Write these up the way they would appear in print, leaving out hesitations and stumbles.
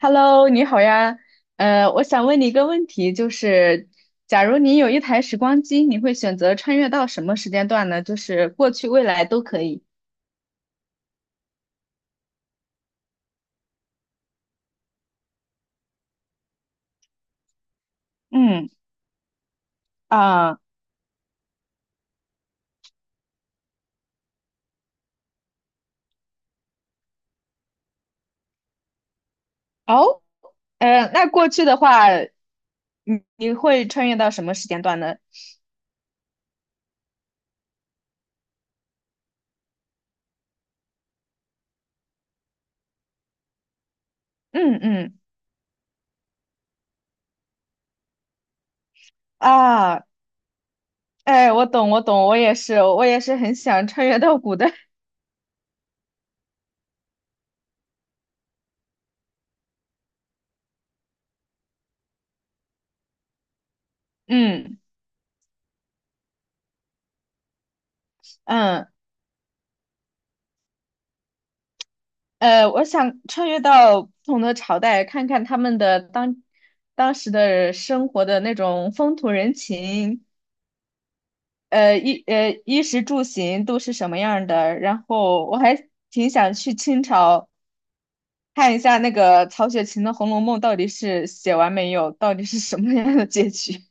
Hello，你好呀。我想问你一个问题，就是假如你有一台时光机，你会选择穿越到什么时间段呢？就是过去、未来都可以。嗯啊，哦，那过去的话，你会穿越到什么时间段呢？嗯嗯啊，哎，我懂，我懂，我也是，我也是很想穿越到古代。嗯嗯。我想穿越到不同的朝代，看看他们的当时的生活的那种风土人情，衣食住行都是什么样儿的。然后我还挺想去清朝看一下那个曹雪芹的《红楼梦》到底是写完没有，到底是什么样的结局。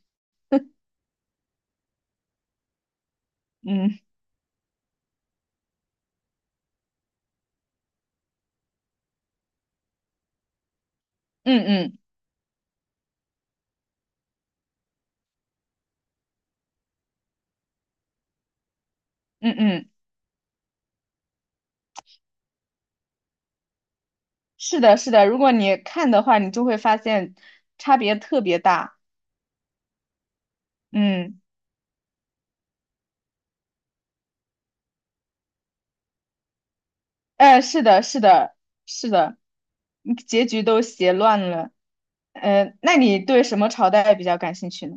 嗯嗯嗯嗯嗯，是的，是的。如果你看的话，你就会发现差别特别大。嗯。是的，是的，是的，结局都写乱了。那你对什么朝代比较感兴趣呢？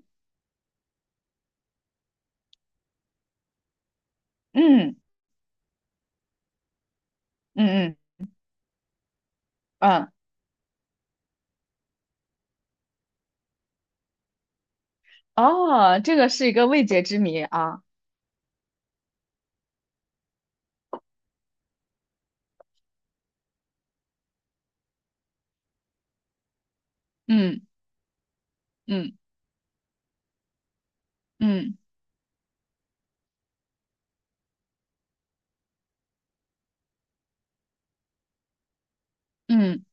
嗯嗯嗯嗯，哦，这个是一个未解之谜啊。嗯嗯嗯嗯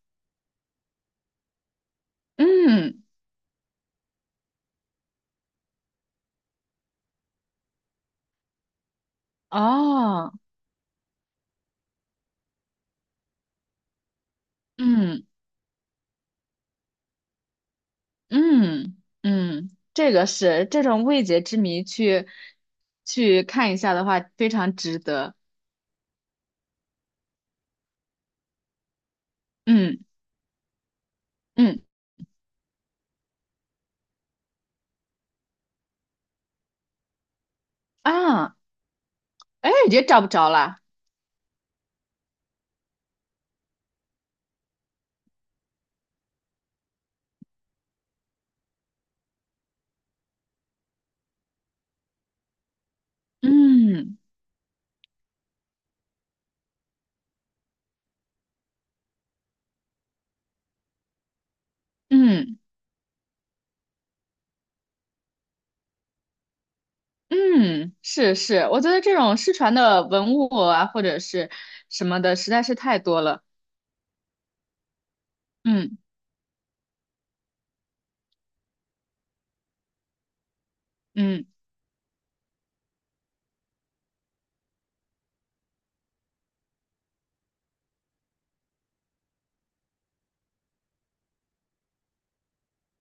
嗯，哦，嗯嗯嗯，这个是这种未解之谜去看一下的话，非常值得。嗯嗯啊，哎，也找不着了。嗯嗯。嗯，是是，我觉得这种失传的文物啊，或者是什么的，实在是太多了。嗯嗯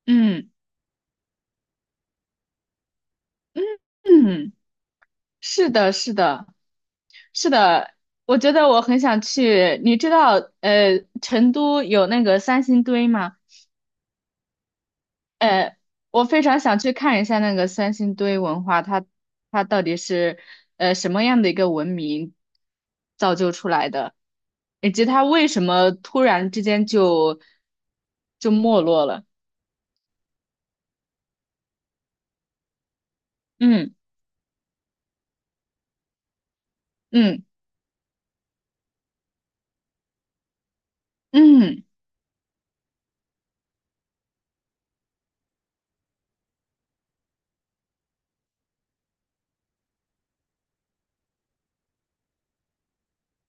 嗯嗯，是的，是的，是的。我觉得我很想去，你知道，成都有那个三星堆吗？呃，我非常想去看一下那个三星堆文化，它到底是什么样的一个文明造就出来的，以及它为什么突然之间就没落了？嗯嗯嗯，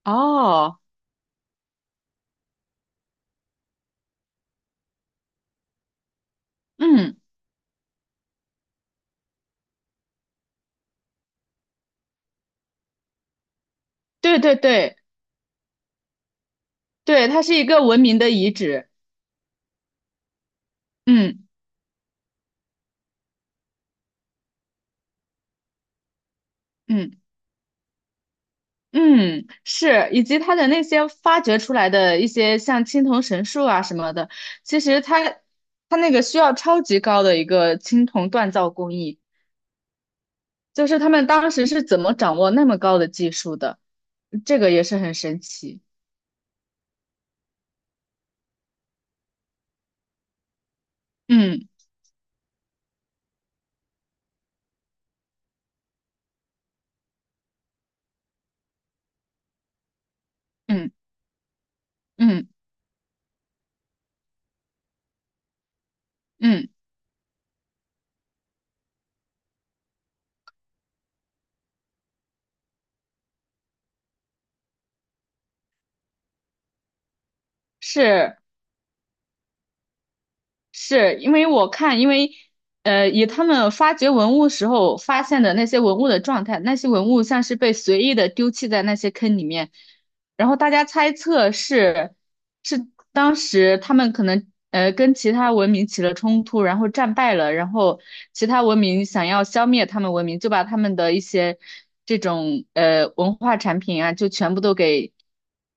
哦，嗯，对对对对，它是一个文明的遗址。嗯嗯。嗯，是，以及他的那些发掘出来的一些像青铜神树啊什么的，其实他那个需要超级高的一个青铜锻造工艺，就是他们当时是怎么掌握那么高的技术的，这个也是很神奇。嗯嗯嗯嗯，是。是因为我看，因为以他们发掘文物时候发现的那些文物的状态，那些文物像是被随意的丢弃在那些坑里面，然后大家猜测是当时他们可能跟其他文明起了冲突，然后战败了，然后其他文明想要消灭他们文明，就把他们的一些这种文化产品啊，就全部都给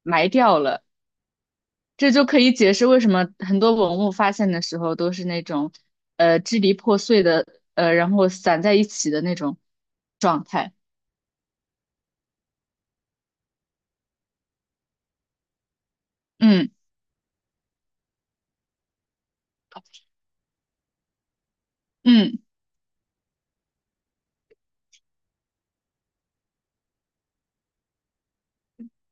埋掉了。这就可以解释为什么很多文物发现的时候都是那种，支离破碎的，然后散在一起的那种状态。嗯嗯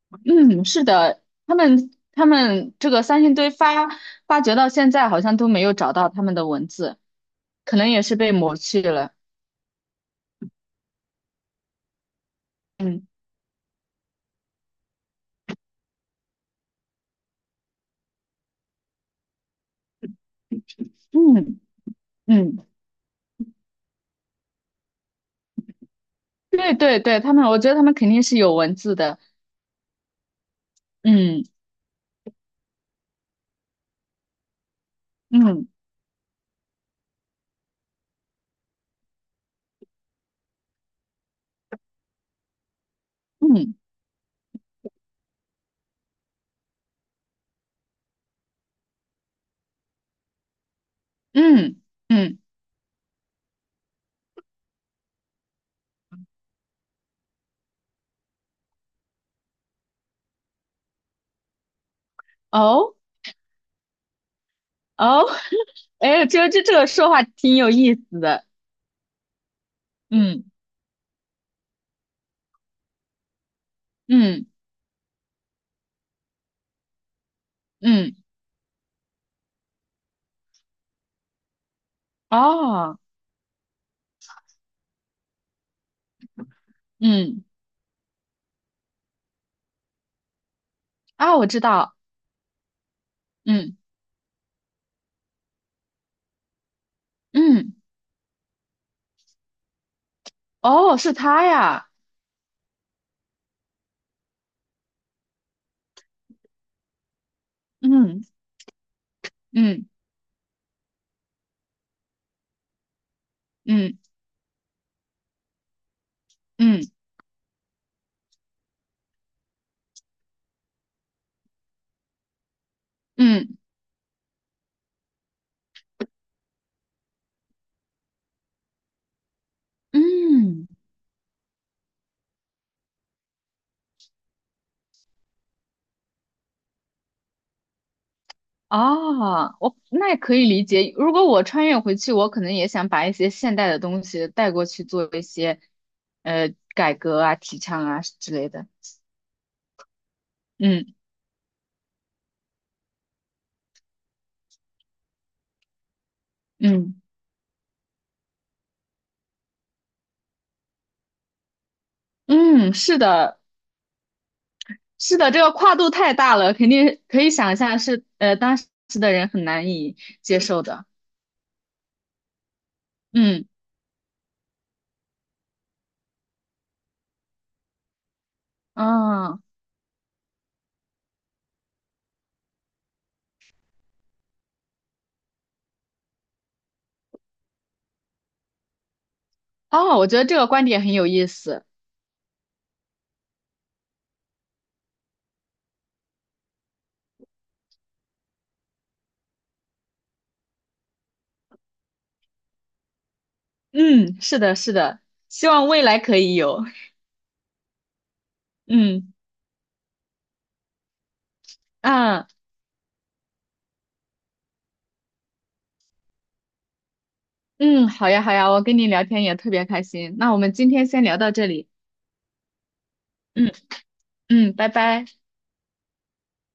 嗯，是的，他们这个三星堆发掘到现在好像都没有找到他们的文字，可能也是被抹去了。嗯嗯嗯，对对对，他们，我觉得他们肯定是有文字的。嗯嗯嗯嗯嗯哦。哦，哎，这个说话挺有意思的。嗯嗯嗯，哦，嗯啊，我知道。嗯嗯，哦，是他呀。嗯嗯嗯嗯嗯嗯，哦，我那也可以理解。如果我穿越回去，我可能也想把一些现代的东西带过去做一些改革啊、提倡啊之类的。嗯嗯嗯，是的。是的，这个跨度太大了，肯定可以想象是当时的人很难以接受的。嗯嗯哦，我觉得这个观点很有意思。嗯，是的，是的，希望未来可以有。嗯啊嗯，好呀好呀，我跟你聊天也特别开心。那我们今天先聊到这里。嗯嗯，拜拜。